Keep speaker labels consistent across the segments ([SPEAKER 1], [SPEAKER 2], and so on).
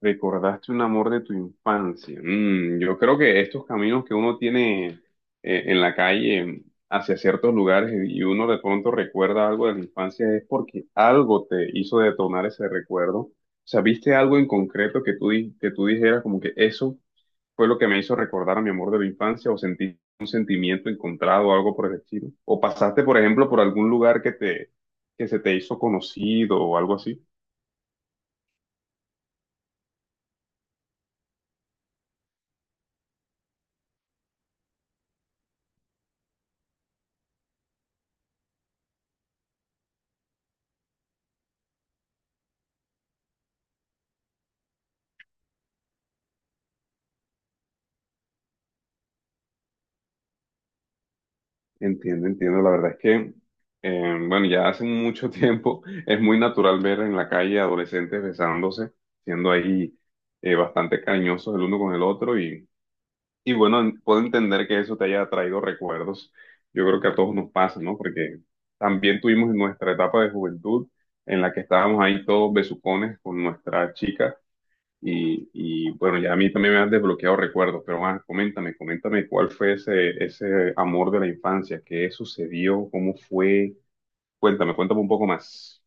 [SPEAKER 1] Recordaste un amor de tu infancia. Mm, yo creo que estos caminos que uno tiene en la calle hacia ciertos lugares y uno de pronto recuerda algo de la infancia es porque algo te hizo detonar ese recuerdo. O sea, viste algo en concreto que tú dijeras como que eso fue lo que me hizo recordar a mi amor de la infancia o sentí un sentimiento encontrado o algo por el estilo. O pasaste, por ejemplo, por algún lugar que se te hizo conocido o algo así. Entiendo, entiendo. La verdad es que, bueno, ya hace mucho tiempo es muy natural ver en la calle adolescentes besándose, siendo ahí bastante cariñosos el uno con el otro y bueno, puedo entender que eso te haya traído recuerdos. Yo creo que a todos nos pasa, ¿no? Porque también tuvimos nuestra etapa de juventud en la que estábamos ahí todos besucones con nuestra chica y bueno, ya a mí también me han desbloqueado recuerdos, pero ah, coméntame, coméntame cuál fue ese amor de la infancia, qué sucedió, cómo fue. Cuéntame, cuéntame un poco más.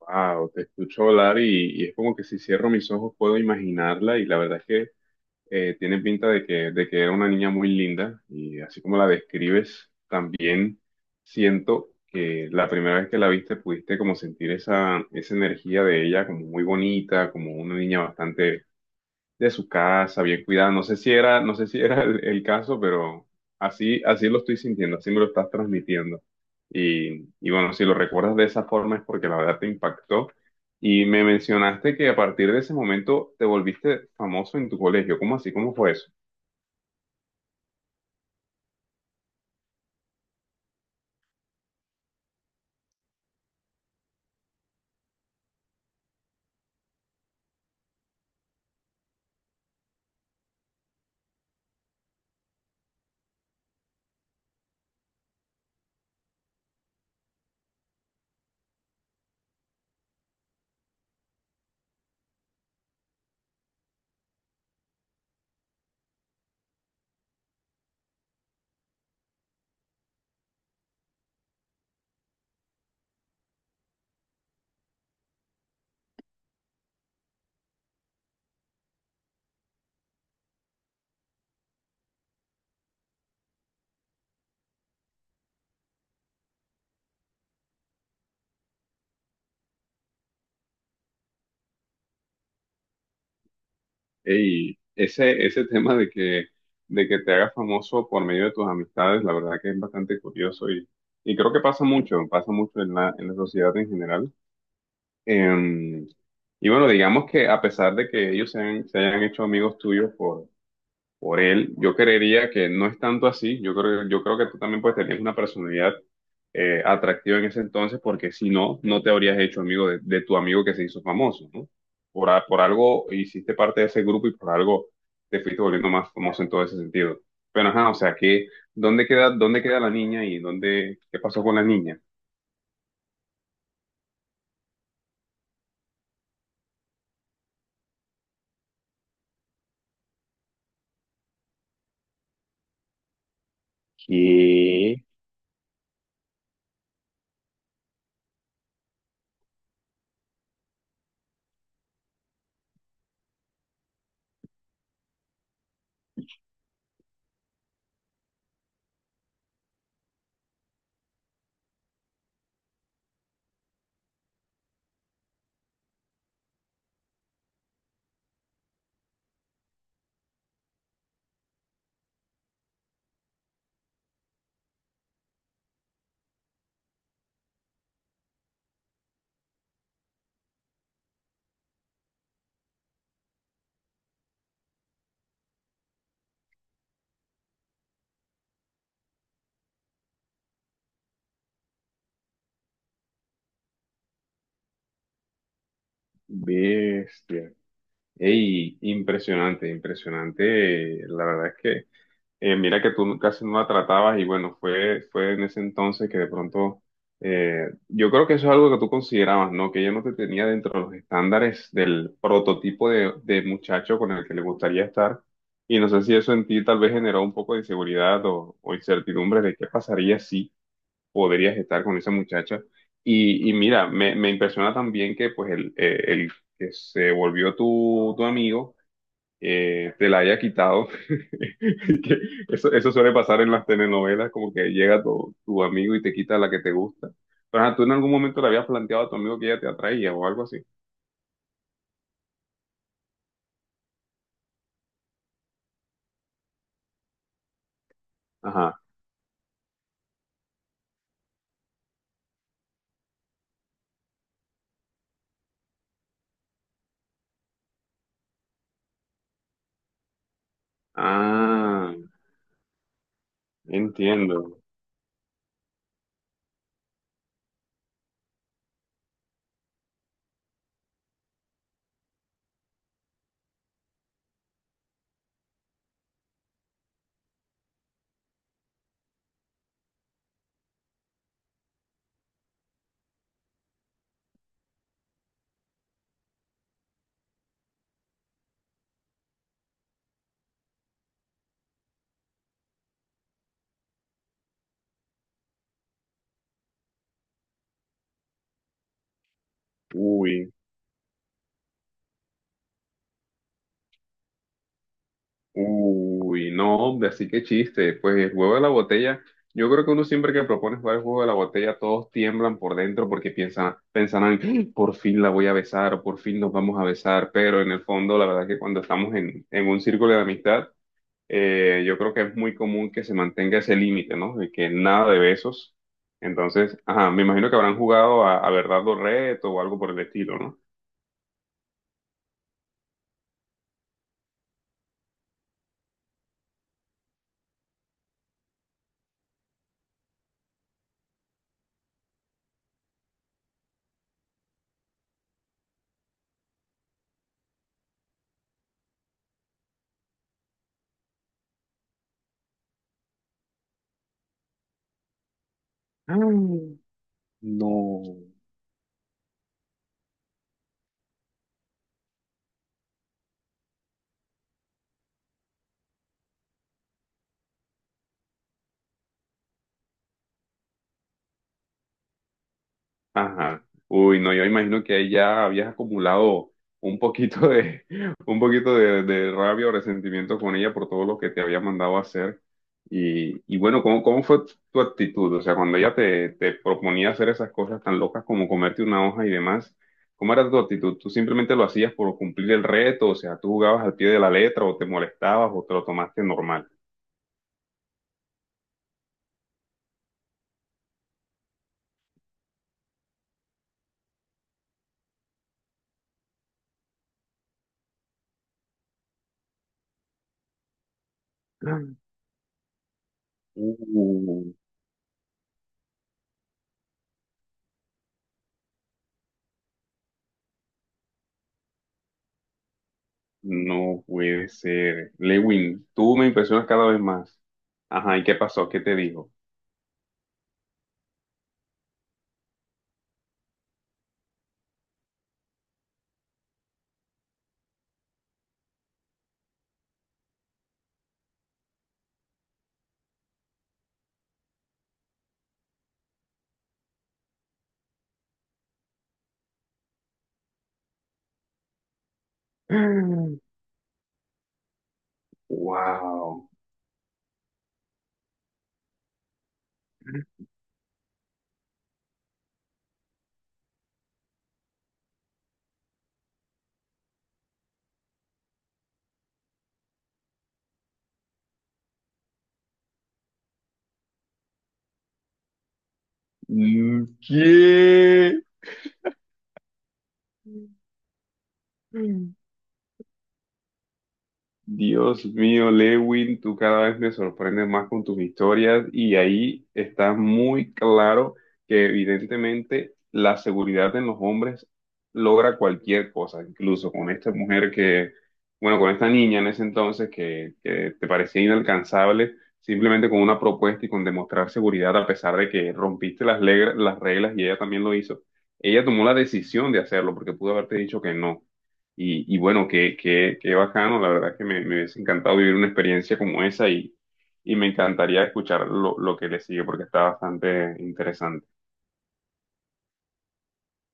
[SPEAKER 1] Wow, te escucho hablar y es como que si cierro mis ojos puedo imaginarla y la verdad es que tiene pinta de que era una niña muy linda y así como la describes, también siento que la primera vez que la viste pudiste como sentir esa energía de ella como muy bonita, como una niña bastante de su casa, bien cuidada. No sé si era el caso, pero así lo estoy sintiendo, así me lo estás transmitiendo. Y bueno, si lo recuerdas de esa forma es porque la verdad te impactó. Y me mencionaste que a partir de ese momento te volviste famoso en tu colegio. ¿Cómo así? ¿Cómo fue eso? Y ese tema de que te hagas famoso por medio de tus amistades, la verdad que es bastante curioso y creo que pasa mucho en en la sociedad en general. Em, y bueno, digamos que a pesar de que se hayan hecho amigos tuyos por él, yo creería que no es tanto así. Yo creo que tú también pues tenías una personalidad atractiva en ese entonces, porque si no, no te habrías hecho amigo de tu amigo que se hizo famoso, ¿no? Por algo hiciste parte de ese grupo y por algo te fuiste volviendo más famoso en todo ese sentido. Pero ajá, o sea, que ¿dónde queda, dónde queda la niña y dónde, qué pasó con la niña? Qué bestia. Ey, impresionante, impresionante. La verdad es que, mira que tú casi no la tratabas y bueno, fue en ese entonces que de pronto, yo creo que eso es algo que tú considerabas, ¿no? Que ella no te tenía dentro de los estándares del prototipo de muchacho con el que le gustaría estar. Y no sé si eso en ti tal vez generó un poco de inseguridad o incertidumbre de qué pasaría si podrías estar con esa muchacha. Y mira, me impresiona también que pues el que se volvió tu amigo te la haya quitado. Que eso suele pasar en las telenovelas, como que llega tu amigo y te quita la que te gusta. Pero ajá, tú en algún momento le habías planteado a tu amigo que ella te atraía o algo así. Ajá. Ah, entiendo. Uy. Uy, no, hombre, así que chiste. Pues el juego de la botella, yo creo que uno siempre que propone jugar el juego de la botella, todos tiemblan por dentro porque piensan, piensan en, "¡Ah! Por fin la voy a besar o por fin nos vamos a besar", pero en el fondo, la verdad que cuando estamos en un círculo de amistad, yo creo que es muy común que se mantenga ese límite, ¿no? De que nada de besos. Entonces, ajá, me imagino que habrán jugado a verdad o reto o algo por el estilo, ¿no? Ay, no. Ajá. Uy, no, yo imagino que ahí ya habías acumulado un poquito de, un poquito de rabia o resentimiento con ella por todo lo que te había mandado a hacer. Y bueno, ¿cómo, cómo fue tu actitud? O sea, cuando te proponía hacer esas cosas tan locas como comerte una hoja y demás, ¿cómo era tu actitud? ¿Tú simplemente lo hacías por cumplir el reto? O sea, ¿tú jugabas al pie de la letra o te molestabas o te lo tomaste normal? Uh. No puede ser. Lewin, tú me impresionas cada vez más. Ajá, ¿y qué pasó? ¿Qué te dijo? Wow. ¿Qué? Dios mío, Lewin, tú cada vez me sorprendes más con tus historias y ahí está muy claro que evidentemente la seguridad en los hombres logra cualquier cosa, incluso con esta mujer que, bueno, con esta niña en ese entonces que te parecía inalcanzable, simplemente con una propuesta y con demostrar seguridad a pesar de que rompiste las reglas y ella también lo hizo. Ella tomó la decisión de hacerlo porque pudo haberte dicho que no. Y bueno, qué, qué, qué bacano, la verdad que me hubiese encantado vivir una experiencia como esa y me encantaría escuchar lo que le sigue porque está bastante interesante.